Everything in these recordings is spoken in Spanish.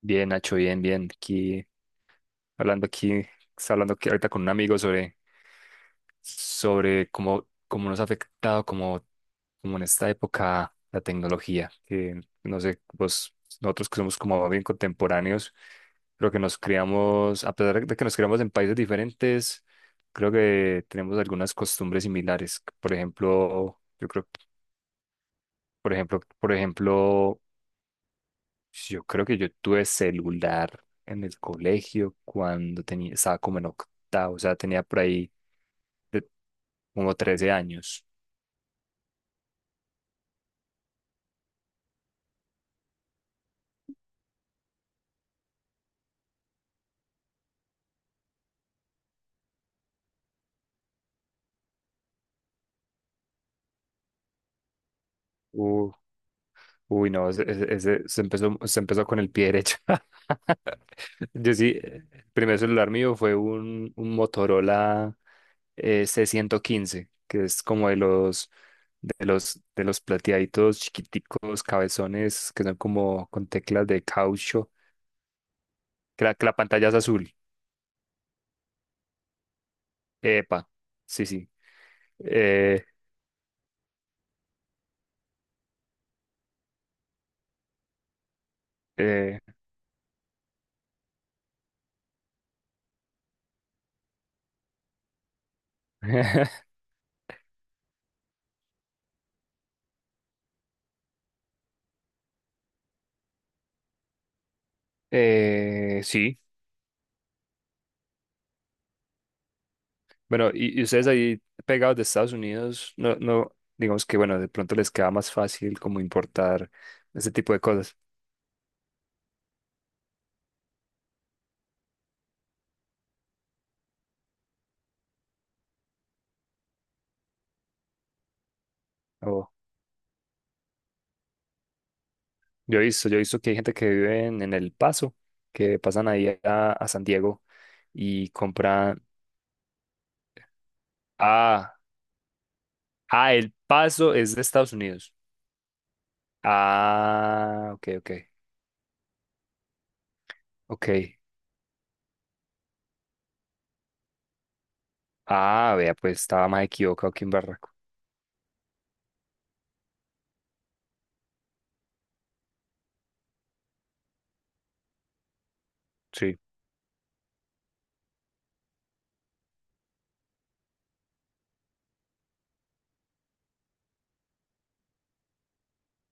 Bien, Nacho, bien, bien. Aquí hablando aquí, está hablando aquí ahorita con un amigo sobre cómo nos ha afectado como en esta época la tecnología. Que no sé, vos, nosotros que somos como bien contemporáneos, creo que nos criamos en países diferentes, creo que tenemos algunas costumbres similares. Por ejemplo, yo creo, por ejemplo, Pues, Yo creo que yo tuve celular en el colegio cuando estaba como en octavo, o sea, tenía por ahí de- como 13 años. Uh, no, se empezó con el pie derecho. Yo sí, el primer celular mío fue un Motorola c ciento quince, que es como de de los plateaditos chiquiticos, cabezones, que son como con teclas de caucho, que la pantalla es azul. Epa, sí, sí. Eh, eh, sí, bueno, y ustedes ahí pegados de Estados Unidos, no, no, digamos que, bueno, de pronto les queda más fácil como importar ese tipo de cosas. O yo he visto que hay gente que vive en El Paso, que pasan ahí a San Diego y compran. Ah, El Paso es de Estados Unidos. Ah, ok, ok, ok. Ah, vea, pues estaba más equivocado que un barraco. Sí.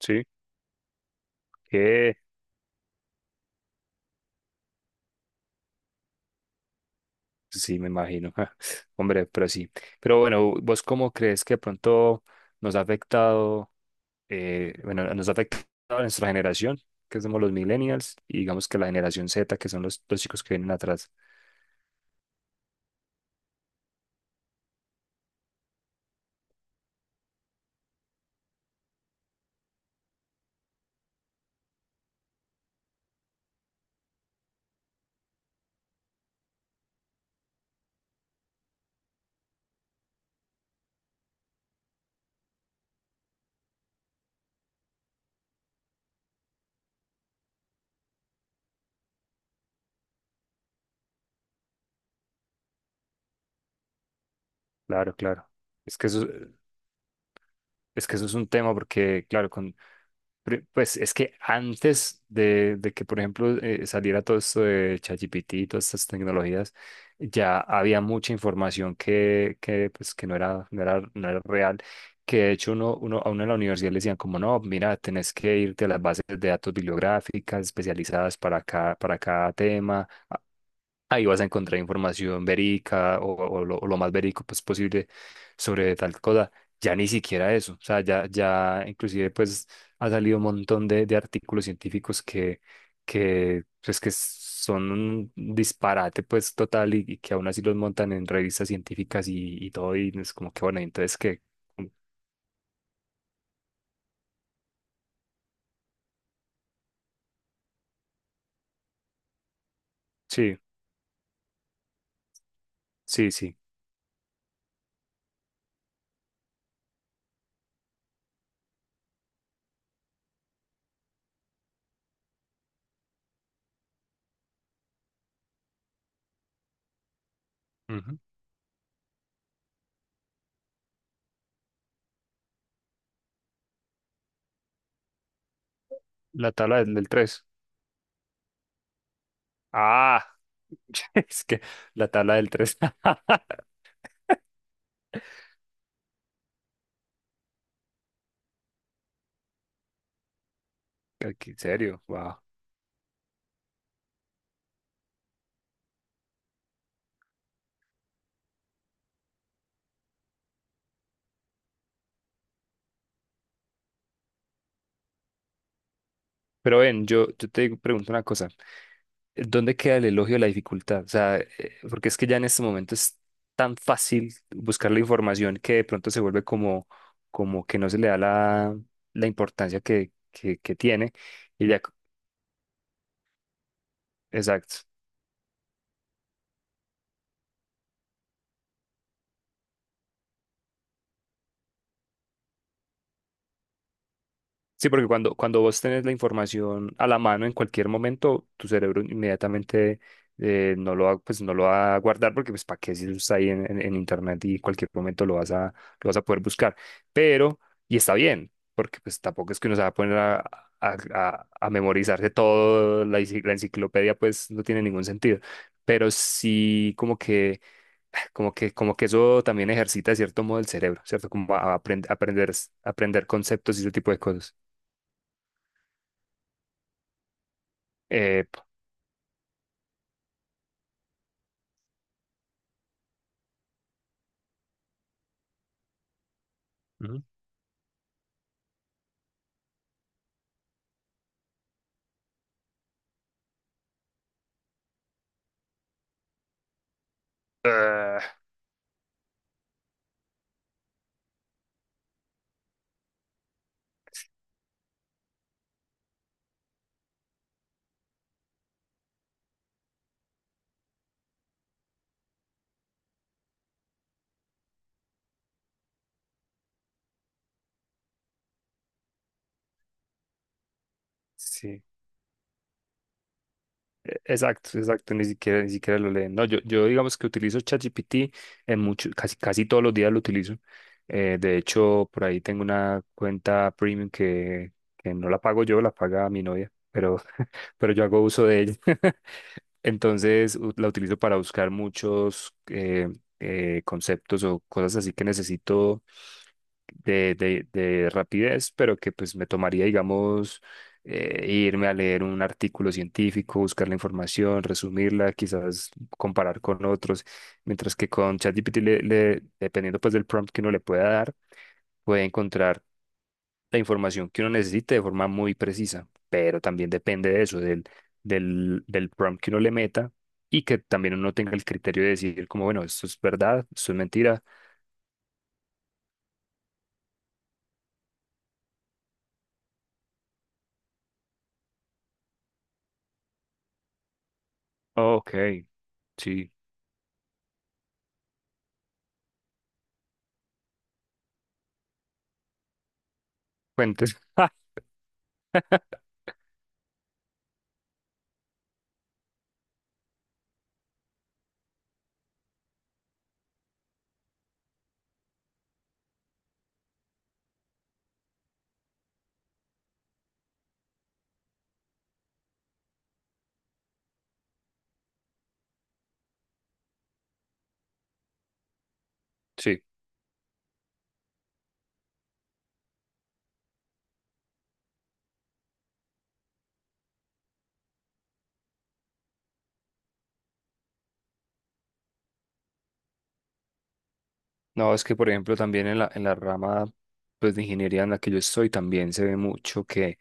Sí. Que sí, me imagino. Hombre, pero sí. Pero bueno, ¿vos cómo crees que de pronto nos ha afectado a nuestra generación, que somos los millennials, y digamos que la generación Z, que son los chicos que vienen atrás? Claro, claro. Es que eso, es que eso es un tema porque, claro, con Pues es que antes de que, por ejemplo, saliera todo esto de ChatGPT y todas estas tecnologías, ya había mucha información que no era real, que de hecho a uno en la universidad le decían como, no, mira, tenés que irte a las bases de datos bibliográficas especializadas para para cada tema. Ahí vas a encontrar información o o lo más verídico pues, posible sobre tal cosa. Ya ni siquiera eso. O sea, ya, ya inclusive pues ha salido un montón de artículos científicos que son un disparate pues total y que aún así los montan en revistas científicas y todo y es como que bueno, entonces que sí, sí, sí. Ujú. La tabla del 3. Ah, es que la tabla del tres. ¿En serio? Wow. Pero ven, yo te pregunto una cosa. ¿Dónde queda el elogio de la dificultad? O sea, porque es que ya en este momento es tan fácil buscar la información que de pronto se vuelve como que no se le da la importancia que tiene. Y ya, exacto. Sí, porque cuando vos tenés la información a la mano en cualquier momento, tu cerebro inmediatamente no lo va a guardar porque pues para qué si eso está ahí en internet y en cualquier momento lo vas lo vas a poder buscar. Pero, y está bien, porque pues tampoco es que uno se va a poner a memorizarse todo, la enciclopedia pues no tiene ningún sentido. Pero sí como que eso también ejercita de cierto modo el cerebro, ¿cierto? Como aprender, aprender conceptos y ese tipo de cosas. Eh, Ujú. Ah, sí, exacto, exacto, ni siquiera, ni siquiera lo leen. No, yo digamos que utilizo ChatGPT casi, casi todos los días lo utilizo. De hecho, por ahí tengo una cuenta premium que no la pago yo, la paga mi novia, pero, pero yo hago uso de ella. Entonces, la utilizo para buscar muchos conceptos o cosas así que necesito de rapidez, pero que pues me tomaría, digamos, irme a leer un artículo científico, buscar la información, resumirla, quizás comparar con otros, mientras que con ChatGPT, dependiendo pues del prompt que uno le pueda dar, puede encontrar la información que uno necesite de forma muy precisa, pero también depende de eso, del prompt que uno le meta y que también uno tenga el criterio de decir como, bueno, esto es verdad, esto es mentira. Ok, sí, fuentes. Sí, no, es que por ejemplo también en en la rama pues, de ingeniería en la que yo estoy también se ve mucho que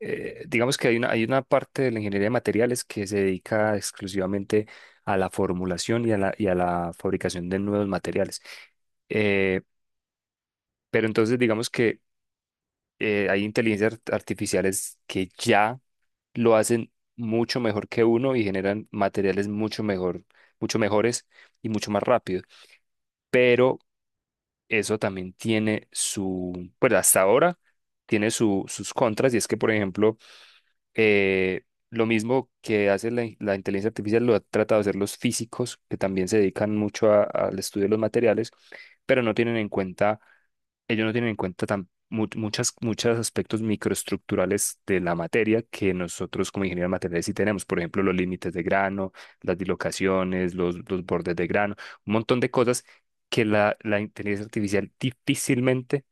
digamos que hay hay una parte de la ingeniería de materiales que se dedica exclusivamente a la formulación y a la fabricación de nuevos materiales. Eh, pero entonces digamos que hay inteligencias artificiales que ya lo hacen mucho mejor que uno y generan materiales mucho mejor, mucho mejores y mucho más rápido. Pero eso también tiene su, pues hasta ahora tiene su, sus contras, y es que, por ejemplo, eh, lo mismo que hace la, la inteligencia artificial lo ha tratado de hacer los físicos, que también se dedican mucho al estudio de los materiales, pero no tienen en cuenta, ellos no tienen en cuenta muchos aspectos microestructurales de la materia que nosotros como ingenieros materiales sí tenemos. Por ejemplo, los límites de grano, las dislocaciones, los bordes de grano, un montón de cosas que la inteligencia artificial difícilmente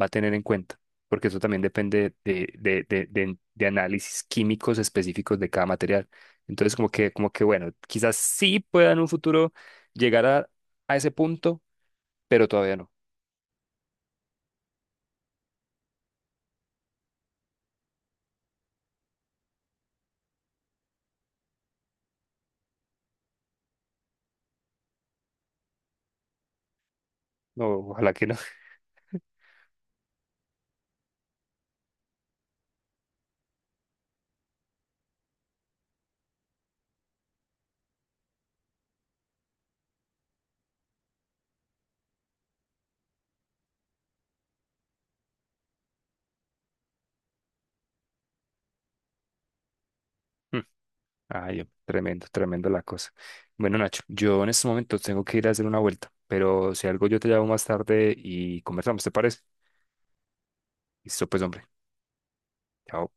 va a tener en cuenta porque eso también depende de análisis químicos específicos de cada material. Entonces, bueno, quizás sí pueda en un futuro llegar a ese punto, pero todavía no. No, ojalá que no. Ay, tremendo, tremendo la cosa. Bueno, Nacho, yo en este momento tengo que ir a hacer una vuelta, pero si algo yo te llamo más tarde y conversamos, ¿te parece? Listo, pues, hombre. Chao.